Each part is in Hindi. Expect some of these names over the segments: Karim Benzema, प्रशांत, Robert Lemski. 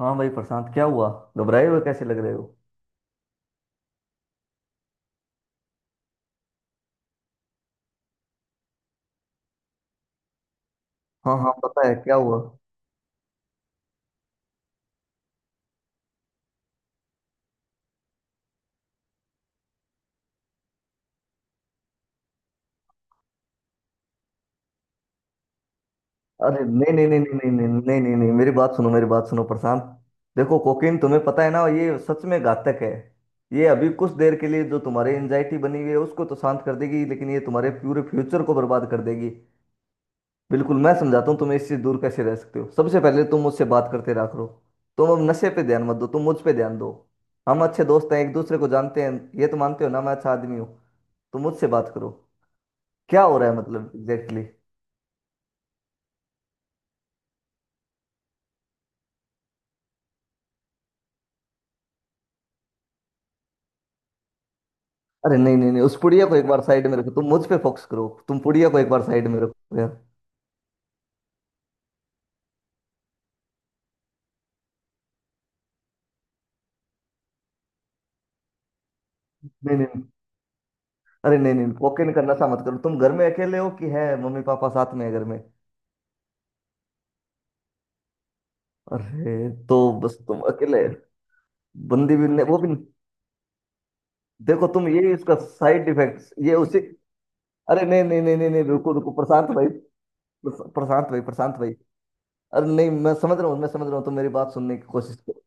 हाँ भाई, प्रशांत क्या हुआ? घबराए हुए कैसे लग रहे हो? हाँ हाँ, पता है, क्या हुआ? अरे नहीं नहीं नहीं नहीं नहीं नहीं नहीं नहीं नहीं, मेरी बात सुनो प्रशांत। देखो, कोकीन तुम्हें पता है ना, ये सच में घातक है। ये अभी कुछ देर के लिए जो तुम्हारी एंजाइटी बनी हुई है उसको तो शांत कर देगी, लेकिन ये तुम्हारे पूरे फ्यूचर को बर्बाद कर देगी। बिल्कुल, मैं समझाता हूँ तुम इससे दूर कैसे रह सकते हो। सबसे पहले तुम मुझसे बात करते रहा करो। तुम अब नशे पे ध्यान मत दो, तुम मुझ पे ध्यान दो। हम अच्छे दोस्त हैं, एक दूसरे को जानते हैं। ये तो मानते हो ना मैं अच्छा आदमी हूँ। तुम मुझसे बात करो। क्या हो रहा है मतलब एग्जैक्टली exactly? अरे नहीं नहीं नहीं, उस पुड़िया को एक बार साइड में रखो, तुम मुझ पे फोकस करो। तुम पुड़िया को एक बार साइड में रखो यार। नहीं नहीं नहीं। अरे नहीं नहीं, कोकेन का नशा मत करो। तुम घर में अकेले हो कि है मम्मी पापा साथ में है घर में? अरे तो बस तुम अकेले। बंदी भी नहीं, वो भी नहीं। देखो, तुम ये इसका साइड इफेक्ट ये उसी। अरे नहीं नहीं नहीं नहीं नहीं, रुको रुको प्रशांत भाई। प्रशांत भाई। अरे नहीं, मैं समझ रहा हूँ। तुम मेरी बात सुनने की कोशिश करो।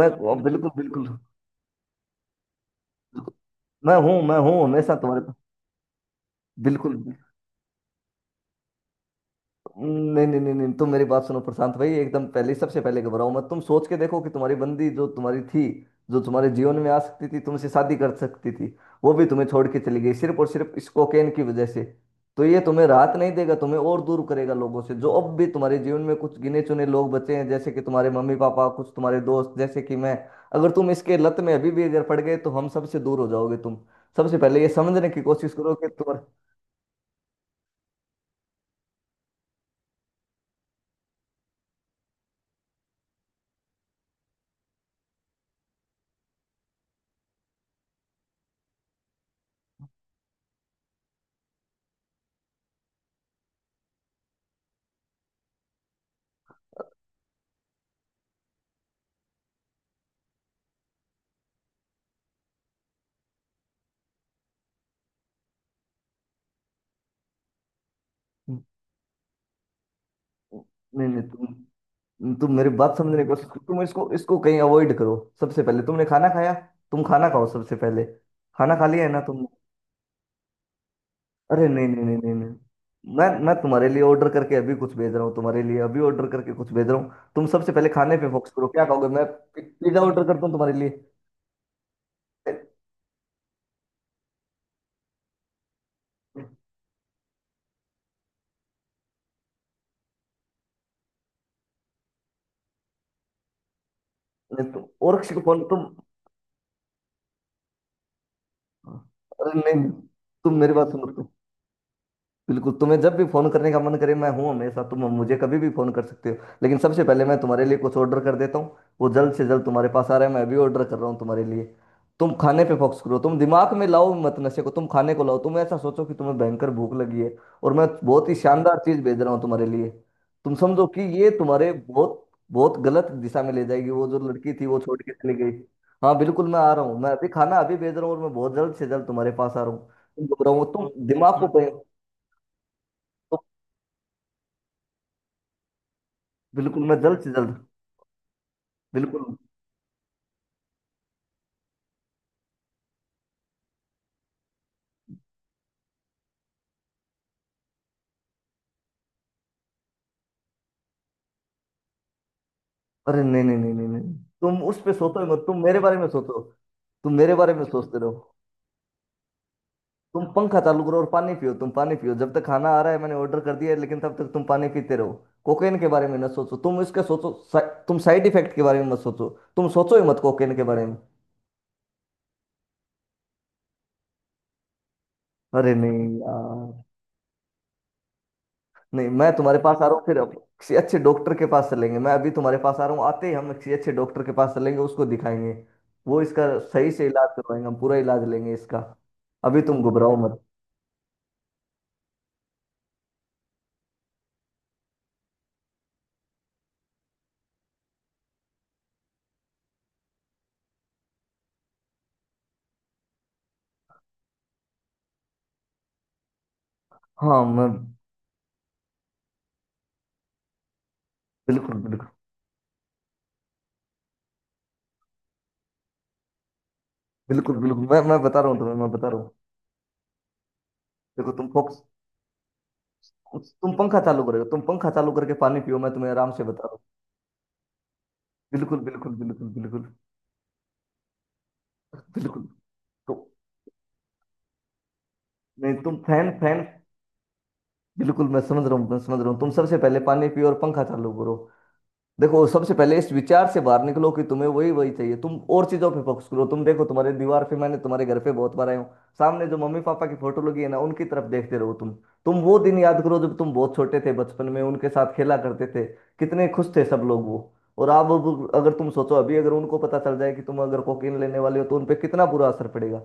मैं बिल्कुल बिल्कुल बिल्कुल- मैं हूँ हमेशा तुम्हारे पास। बिल्कुल। नहीं नहीं नहीं नहीं, तुम मेरी बात सुनो प्रशांत भाई। एकदम पहले, सबसे पहले घबराओ मत। तुम सोच के देखो कि तुम्हारी बंदी जो तुम्हारी थी, जो तुम्हारे जीवन में आ सकती थी, तुमसे शादी कर सकती थी, वो भी तुम्हें छोड़ के चली गई सिर्फ और सिर्फ इस कोकेन की वजह से। तो ये तुम्हें राहत नहीं देगा, तुम्हें और दूर करेगा लोगों से जो अब भी तुम्हारे जीवन में कुछ गिने चुने लोग बचे हैं, जैसे कि तुम्हारे मम्मी पापा, कुछ तुम्हारे दोस्त, जैसे कि मैं। अगर तुम इसके लत में अभी भी अगर पड़ गए तो हम सबसे दूर हो जाओगे तुम। सबसे पहले ये समझने की कोशिश करो कि तुम्हारे। नहीं नहीं, तुम मेरी बात समझने की कोशिश करो। तुम इसको, इसको कहीं अवॉइड करो। सबसे पहले, तुमने खाना खाया? तुम खाना खाओ सबसे पहले। खाना खा लिया है ना तुम? अरे नहीं नहीं नहीं नहीं नहीं, मैं तुम्हारे लिए ऑर्डर करके अभी कुछ भेज रहा हूँ। तुम्हारे लिए अभी ऑर्डर करके कुछ भेज रहा हूँ। तुम सबसे पहले खाने पे फोकस करो। क्या खाओगे? मैं पिज्जा ऑर्डर करता हूँ तुम्हारे लिए। नहीं, तुम और किसी को फोन तुम। अरे नहीं नहीं, तुम मेरी बात सुनो। बिल्कुल तुम्हें जब भी फोन करने का मन करे, मैं हूँ हमेशा, तुम मुझे कभी भी फोन कर सकते हो। लेकिन सबसे पहले मैं तुम्हारे लिए कुछ ऑर्डर कर देता हूँ, वो जल्द से जल्द तुम्हारे पास आ रहा है। मैं अभी ऑर्डर कर रहा हूँ तुम्हारे लिए। तुम खाने पे फोकस करो, तुम दिमाग में लाओ मत नशे को, तुम खाने को लाओ। तुम ऐसा सोचो कि तुम्हें भयंकर भूख लगी है, और मैं बहुत ही शानदार चीज भेज रहा हूँ तुम्हारे लिए। तुम समझो कि ये तुम्हारे बहुत बहुत गलत दिशा में ले जाएगी। वो जो लड़की थी वो छोड़ के चली गई। हाँ बिल्कुल, मैं आ रहा हूँ। मैं अभी खाना अभी भेज रहा हूँ और मैं बहुत जल्द से जल्द तुम्हारे पास आ रहा हूँ। तुम घबराओ मत, तुम दिमाग को बिल्कुल तुम। बिल्कुल, मैं जल्द से जल्द। बिल्कुल। अरे नहीं नहीं नहीं नहीं नहीं, तुम उस पे सोचो ही मत, तुम मेरे बारे में सोचो। तुम मेरे बारे में सोचते रहो। तुम पंखा चालू करो और पानी पियो। तुम पानी पियो जब तक खाना आ रहा है, मैंने ऑर्डर कर दिया है, लेकिन तब तक तुम पानी पीते रहो। कोकेन के बारे में ना सोचो। तुम इसके सोचो सा, तुम साइड इफेक्ट के बारे में मत सोचो। तुम सोचो ही मत कोकेन के बारे में। अरे नहीं यार, नहीं, मैं तुम्हारे पास आ रहा हूँ। फिर अब किसी अच्छे डॉक्टर के पास चलेंगे। मैं अभी तुम्हारे पास आ रहा हूँ, आते ही हम किसी अच्छे डॉक्टर के पास चलेंगे, उसको दिखाएंगे। वो इसका सही से इलाज करवाएंगे, हम पूरा इलाज लेंगे इसका। अभी तुम घबराओ मत। हाँ, मैं बिल्कुल बिल्कुल बिल्कुल बिल्कुल मैं बता रहा हूँ तुम्हें, मैं बता रहा हूँ। देखो तुम फोक्स। तुम पंखा चालू करोगे, तुम पंखा चालू करके पानी पियो। मैं तुम्हें आराम से बता रहा हूँ। बिल्कुल बिल्कुल बिल्कुल बिल्कुल बिल्कुल। तो नहीं, तुम फैन फैन। बिल्कुल, मैं समझ रहा हूँ। तुम सबसे पहले पानी पियो और पंखा चालू करो। देखो, सबसे पहले इस विचार से बाहर निकलो कि तुम्हें वही वही चाहिए। तुम और चीजों पे फोकस करो। तुम देखो, तुम्हारे दीवार पे, मैंने तुम्हारे घर पे बहुत बार आया हूँ, सामने जो मम्मी पापा की फोटो लगी है ना, उनकी तरफ देखते रहो तुम। तुम वो दिन याद करो जब तुम बहुत छोटे थे, बचपन में उनके साथ खेला करते थे। कितने खुश थे सब लोग वो। और आप अब, अगर तुम सोचो अभी, अगर उनको पता चल जाए कि तुम अगर कोकीन लेने वाले हो तो उन पे कितना बुरा असर पड़ेगा।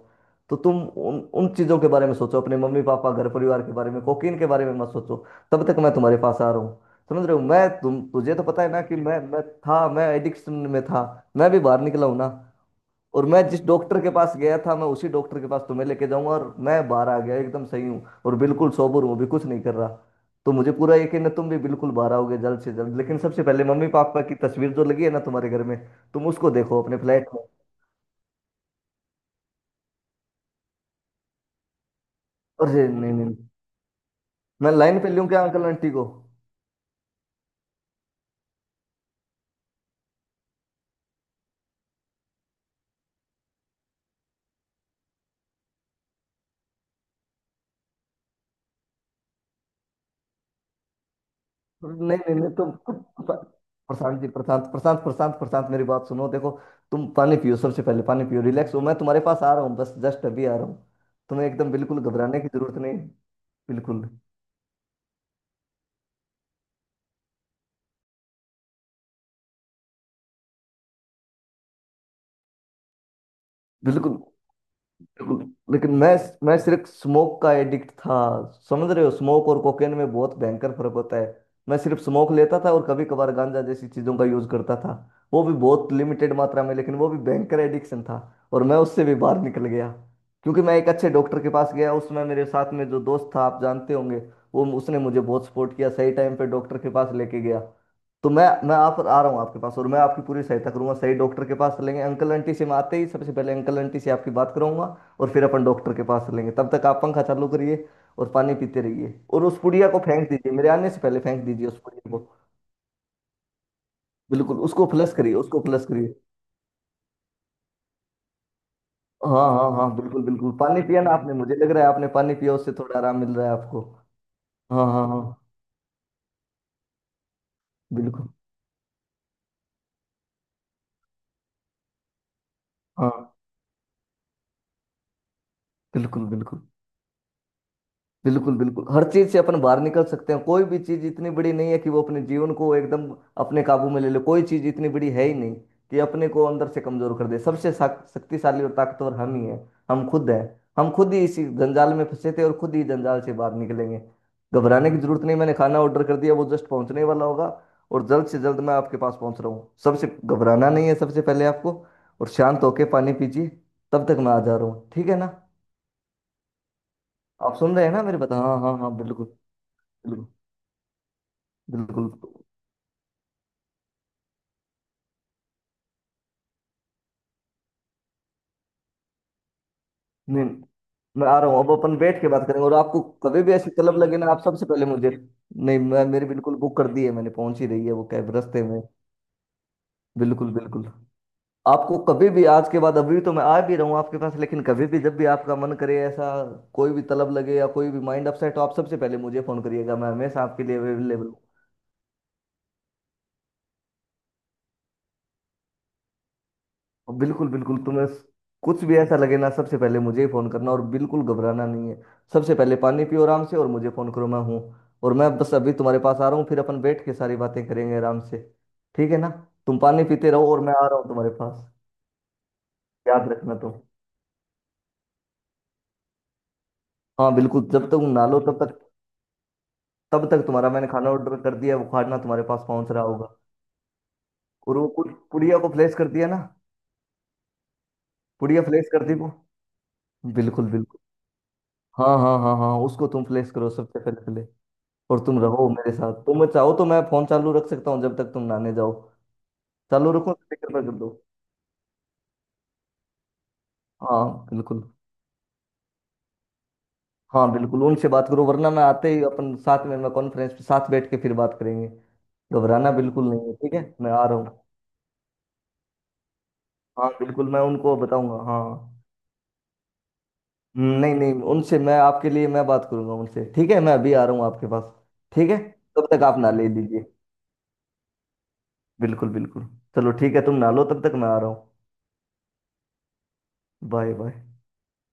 तो तुम उन, उन चीजों के बारे में सोचो, अपने मम्मी पापा घर परिवार के बारे में। कोकीन के बारे में मत सोचो। तब तक मैं तुम्हारे पास आ रहा हूँ। समझ रहे हो? मैं तुम तुझे तो पता है ना कि मैं था, मैं एडिक्शन में था। मैं भी बाहर निकला हूं ना। और मैं जिस डॉक्टर के पास गया था, मैं उसी डॉक्टर के पास तुम्हें लेके जाऊंगा। और मैं बाहर आ गया, एकदम सही हूँ और बिल्कुल सोबर हूँ अभी, कुछ नहीं कर रहा। तो मुझे पूरा यकीन है तुम भी बिल्कुल बाहर आओगे जल्द से जल्द। लेकिन सबसे पहले मम्मी पापा की तस्वीर जो लगी है ना तुम्हारे घर में, तुम उसको देखो अपने फ्लैट में। और ये- नहीं नहीं नहीं। मैं लाइन पे लूं क्या अंकल आंटी को? नहीं नहीं नहीं, प- प्रशांत जी, प्रशांत प्रशांत प्रशांत प्रशांत मेरी बात सुनो। देखो तुम पानी पियो, सबसे पहले पानी पियो, रिलैक्स हो। मैं तुम्हारे पास आ रहा हूँ, बस जस्ट अभी आ रहा हूँ। तुम्हें एकदम बिल्कुल घबराने की जरूरत नहीं है। बिल्कुल बिल्कुल। लेकिन मैं सिर्फ स्मोक का एडिक्ट था। समझ रहे हो, स्मोक और कोकेन में बहुत भयंकर फर्क होता है। मैं सिर्फ स्मोक लेता था और कभी कभार गांजा जैसी चीजों का यूज करता था। वो भी बहुत लिमिटेड मात्रा में, लेकिन वो भी भयंकर एडिक्शन था। और मैं उससे भी बाहर निकल गया, क्योंकि मैं एक अच्छे डॉक्टर के पास गया। उसमें मेरे साथ में जो दोस्त था, आप जानते होंगे वो, उसने मुझे बहुत सपोर्ट किया, सही टाइम पे डॉक्टर के पास लेके गया। तो मैं आप आ रहा हूँ आपके पास, और मैं आपकी पूरी सहायता करूंगा। सही डॉक्टर के पास लेंगे। अंकल आंटी से मैं आते ही सबसे पहले अंकल आंटी से आपकी बात करूंगा, और फिर अपन डॉक्टर के पास चलेंगे। तब तक आप पंखा चालू करिए और पानी पीते रहिए, और उस पुड़िया को फेंक दीजिए। मेरे आने से पहले फेंक दीजिए उस पुड़िया को। बिल्कुल, उसको फ्लश करिए। हाँ हाँ हाँ, बिल्कुल बिल्कुल। पानी पिया ना आपने? मुझे लग रहा है आपने पानी पिया, उससे थोड़ा आराम मिल रहा है आपको। हाँ हाँ हाँ। बिल्कुल। हाँ, बिल्कुल बिल्कुल बिल्कुल बिल्कुल। हर चीज से अपन बाहर निकल सकते हैं। कोई भी चीज इतनी बड़ी नहीं है कि वो अपने जीवन को एकदम अपने काबू में ले ले। कोई चीज इतनी बड़ी है ही नहीं कि अपने को अंदर से कमजोर कर दे। शक्तिशाली और ताकतवर हम ही हैं। हम खुद हैं। हम खुद ही इसी जंजाल में फंसे थे और खुद ही जंजाल से बाहर निकलेंगे। घबराने की जरूरत नहीं। मैंने खाना ऑर्डर कर दिया, वो जस्ट पहुंचने वाला होगा। और जल्द से जल्द मैं आपके पास पहुंच रहा हूँ। सबसे घबराना नहीं है सबसे पहले आपको। और शांत होके पानी पीजिए। तब तक मैं आ जा रहा हूँ, ठीक है ना? आप सुन रहे हैं ना मेरी बात? हाँ हाँ हाँ, बिल्कुल। बिल्कुल। बिल्कुल। नहीं, मैं आ रहा हूँ। अब अपन बैठ के बात करेंगे, और आपको कभी भी ऐसी तलब लगे ना, आप सबसे पहले मुझे। नहीं, मैं मेरी बिल्कुल बुक कर दी है मैंने, पहुंच ही रही है वो कैब रास्ते में। बिल्कुल बिल्कुल। आपको कभी भी आज के बाद, अभी तो मैं आ भी रहा हूँ आपके पास, लेकिन कभी भी जब भी आपका मन करे ऐसा, कोई भी तलब लगे या कोई भी माइंड अपसेट हो, आप सबसे पहले मुझे फोन करिएगा। मैं हमेशा आपके लिए अवेलेबल। बिल्कुल बिल्कुल, कुछ भी ऐसा लगे ना सबसे पहले मुझे ही फोन करना, और बिल्कुल घबराना नहीं है। सबसे पहले पानी पियो आराम से और मुझे फोन करो, मैं हूँ। और मैं बस अभी तुम्हारे पास आ रहा हूँ, फिर अपन बैठ के सारी बातें करेंगे आराम से। ठीक है ना? तुम पानी पीते रहो और मैं आ रहा हूँ तुम्हारे पास। याद रखना तुम। हाँ बिल्कुल, जब तक तुम ना लो तब तक, तब तक तुम्हारा, मैंने खाना ऑर्डर कर दिया है, वो खाना तुम्हारे पास पहुंच रहा होगा। और वो पुड़िया को फ्लैश कर दिया ना? पुड़िया फ्लैश कर दी वो? बिल्कुल बिल्कुल। हाँ हाँ हाँ हाँ, उसको तुम फ्लैश करो सबसे पहले पहले। और तुम रहो मेरे साथ, तुम चाहो तो मैं फोन चालू रख सकता हूँ जब तक तुम नहाने जाओ। चालू रखो, स्पीकर पर कर दो। हाँ। बिल्कुल। हाँ बिल्कुल, उनसे बात करो, वरना मैं आते ही अपन साथ में मैं कॉन्फ्रेंस पे साथ बैठ के फिर बात करेंगे। घबराना बिल्कुल नहीं है, ठीक है? मैं आ रहा हूँ। हाँ बिल्कुल, मैं उनको बताऊंगा, हाँ। नहीं नहीं, उनसे मैं आपके लिए मैं बात करूंगा उनसे। ठीक है, मैं अभी आ रहा हूँ आपके पास। ठीक है। तब तक आप ना ले लीजिए। बिल्कुल बिल्कुल। चलो ठीक है, तुम ना लो तब तक, मैं आ रहा हूँ। Bye bye.